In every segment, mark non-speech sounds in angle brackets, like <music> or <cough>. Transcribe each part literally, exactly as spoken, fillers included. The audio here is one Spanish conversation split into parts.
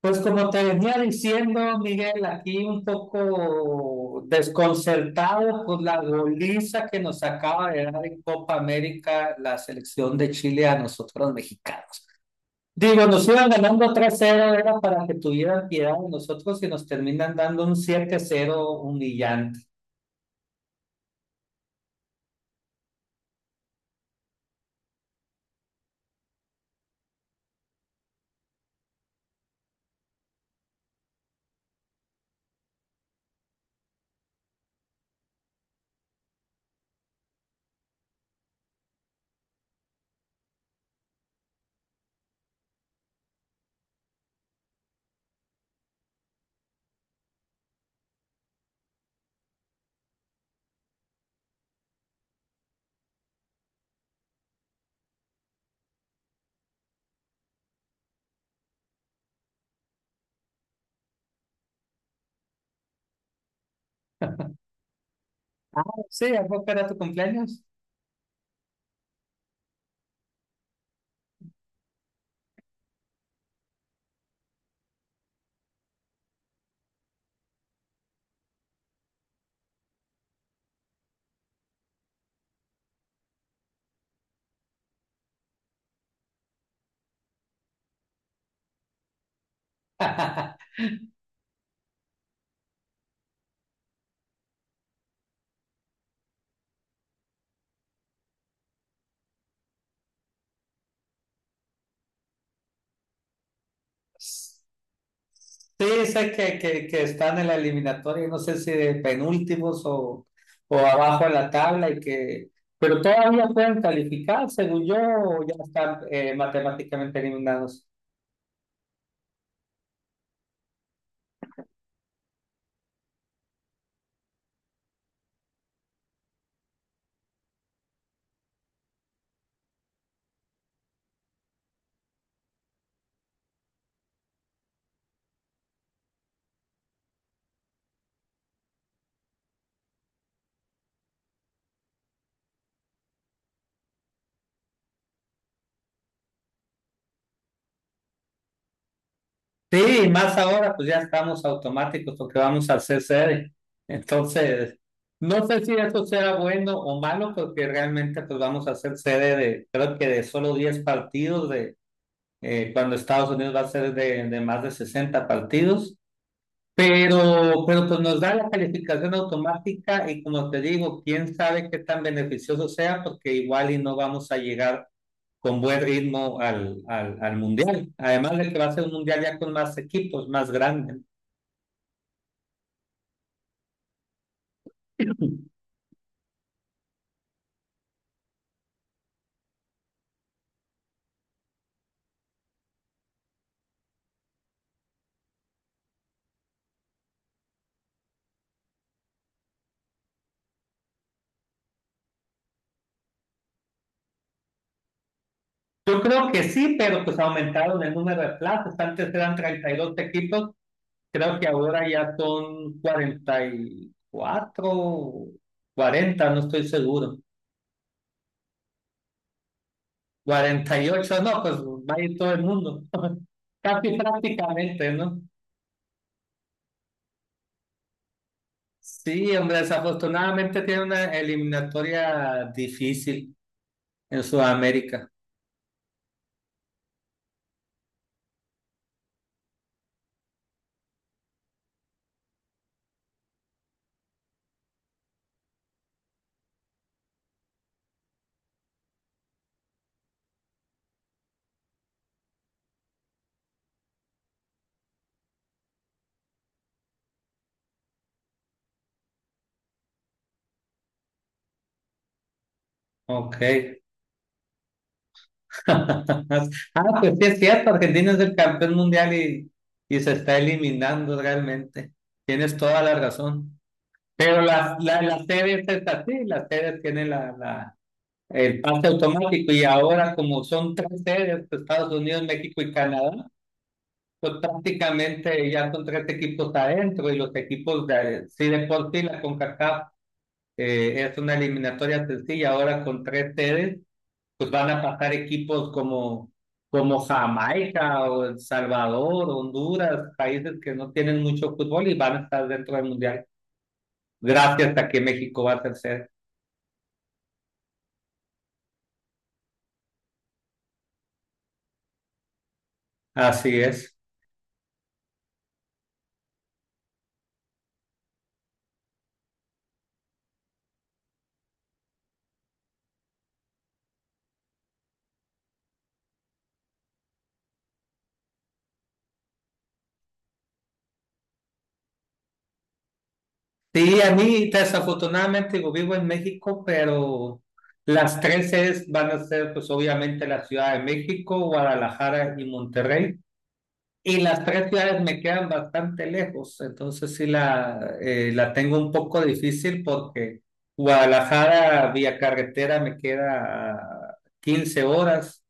Pues como te venía diciendo, Miguel, aquí un poco desconcertado por la goliza que nos acaba de dar en Copa América la selección de Chile a nosotros los mexicanos. Digo, nos iban ganando tres cero, era para que tuvieran piedad de nosotros y nos terminan dando un siete cero humillante. Ah, sí, ¿a poco era tu cumpleaños? <laughs> Sí, sé que, que, que están en la eliminatoria, no sé si de penúltimos o, o abajo en la tabla, y que, pero todavía pueden calificar, según yo, o ya están eh, matemáticamente eliminados. Sí, y más ahora, pues ya estamos automáticos porque vamos a hacer sede. Entonces, no sé si eso será bueno o malo, porque realmente pues vamos a hacer sede de, creo que de solo diez partidos, de eh, cuando Estados Unidos va a ser de, de más de sesenta partidos. Pero, pero pues nos da la calificación automática y como te digo, quién sabe qué tan beneficioso sea, porque igual y no vamos a llegar con buen ritmo al, al, al mundial. Además de que va a ser un mundial ya con más equipos, más grande. Yo creo que sí, pero pues aumentaron el número de plazas. Antes eran treinta y dos equipos, creo que ahora ya son cuarenta y cuatro, cuarenta, no estoy seguro. Cuarenta y ocho, no, pues va a ir todo el mundo. <laughs> Casi prácticamente, ¿no? Sí, hombre, desafortunadamente tiene una eliminatoria difícil en Sudamérica. Ok. <laughs> Ah, pues sí es cierto, Argentina es el campeón mundial, y, y se está eliminando realmente. Tienes toda la razón. Pero las, la- las, series es así, las series tienen la, la, el pase automático y ahora como son tres series, pues, Estados Unidos, México y Canadá. Pues prácticamente ya son tres equipos adentro y los equipos de, si de por sí la CONCACAF eh, es una eliminatoria sencilla, ahora con tres sedes, pues van a pasar equipos como, como Jamaica o El Salvador, Honduras, países que no tienen mucho fútbol y van a estar dentro del Mundial, gracias a que México va a ser sede. Así es. Sí, a mí desafortunadamente digo, vivo en México, pero las tres sedes van a ser pues obviamente la Ciudad de México, Guadalajara y Monterrey. Y las tres ciudades me quedan bastante lejos, entonces sí la, eh, la tengo un poco difícil porque Guadalajara vía carretera me queda a quince horas,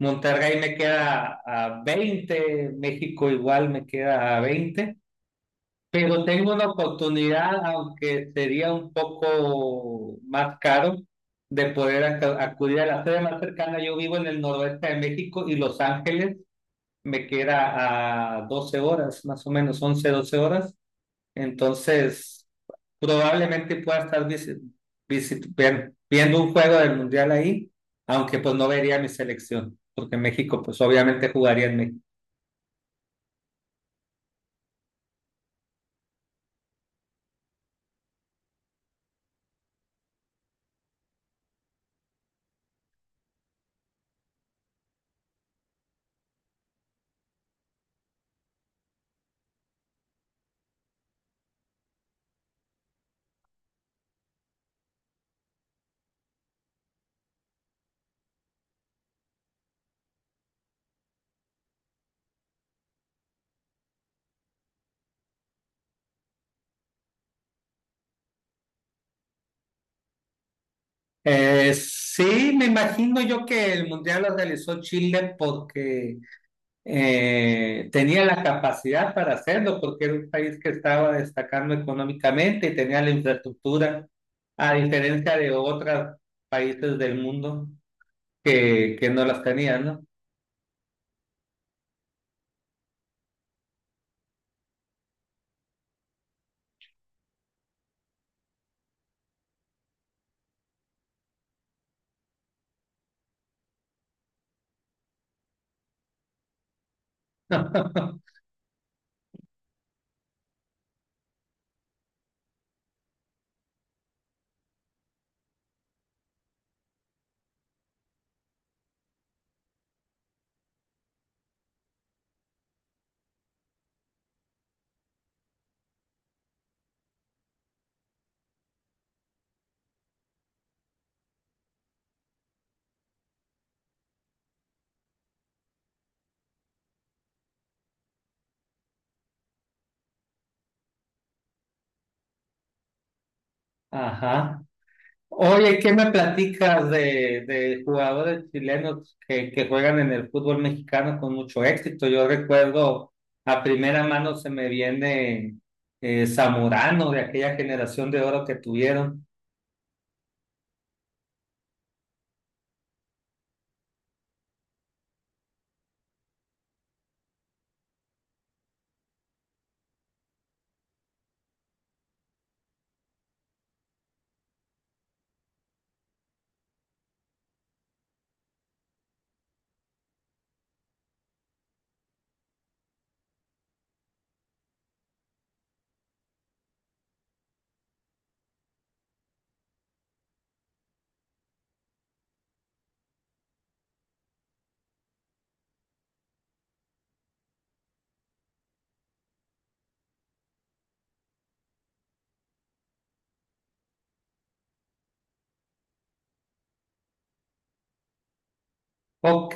Monterrey me queda a veinte, México igual me queda a veinte. Pero tengo una oportunidad, aunque sería un poco más caro, de poder ac- acudir a la sede más cercana. Yo vivo en el noroeste de México y Los Ángeles me queda a doce horas, más o menos once, doce horas. Entonces, probablemente pueda estar visi- visit- ver- viendo un juego del Mundial ahí, aunque pues no vería mi selección, porque México pues obviamente jugaría en México. Eh, sí, me imagino yo que el mundial lo realizó Chile porque eh, tenía la capacidad para hacerlo, porque era un país que estaba destacando económicamente y tenía la infraestructura, a diferencia de otros países del mundo que, que no las tenían, ¿no? <laughs> Ajá. Oye, ¿qué me platicas de, de jugadores chilenos que, que juegan en el fútbol mexicano con mucho éxito? Yo recuerdo, a primera mano se me viene eh, Zamorano de aquella generación de oro que tuvieron. Ok,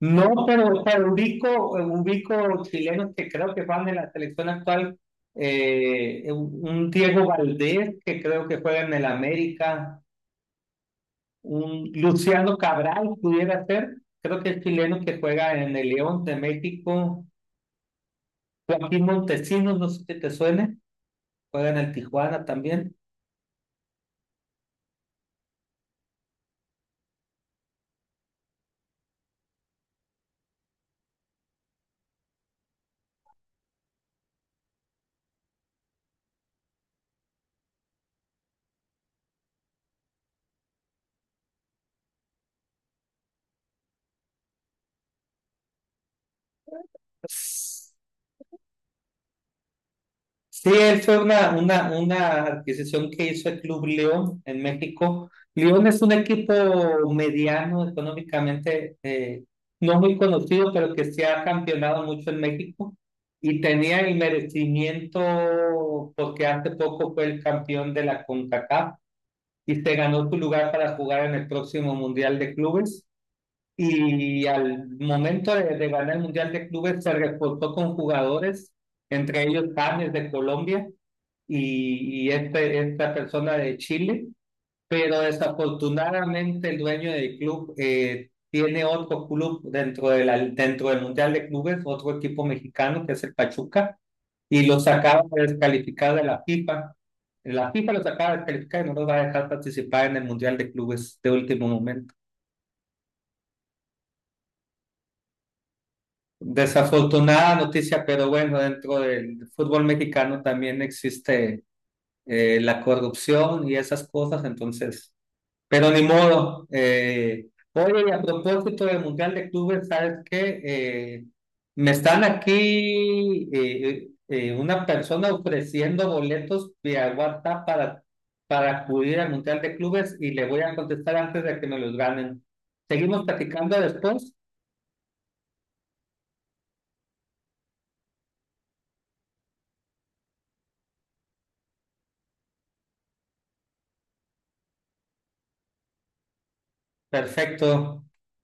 no, pero, pero ubico, ubico chilenos que creo que juegan en la selección actual. eh, un un Diego Valdés que creo que juega en el América. Un Luciano Cabral pudiera ser, creo que el chileno que juega en el León de México, Joaquín Montesinos, no sé si te suene, juega en el Tijuana también. Sí, él fue una, una, una adquisición que hizo el Club León en México. León es un equipo mediano económicamente, eh, no muy conocido, pero que se ha campeonado mucho en México y tenía el merecimiento porque hace poco fue el campeón de la CONCACAF y te ganó tu lugar para jugar en el próximo Mundial de Clubes. Y al momento de, de ganar el Mundial de Clubes se reportó con jugadores, entre ellos James de Colombia y, y este, esta persona de Chile. Pero desafortunadamente el dueño del club eh, tiene otro club dentro de la- dentro del Mundial de Clubes, otro equipo mexicano que es el Pachuca, y los acaba de descalificar de la FIFA. La FIFA los acaba de descalificar y no los va a dejar participar en el Mundial de Clubes de último momento. Desafortunada noticia, pero bueno, dentro del fútbol mexicano también existe eh, la corrupción y esas cosas, entonces... Pero ni modo. Eh, oye, y a propósito del Mundial de Clubes, ¿sabes qué? Eh, me están aquí eh, eh, una persona ofreciendo boletos vía WhatsApp para, para acudir al Mundial de Clubes y le voy a contestar antes de que me los ganen. ¿Seguimos platicando después? Perfecto.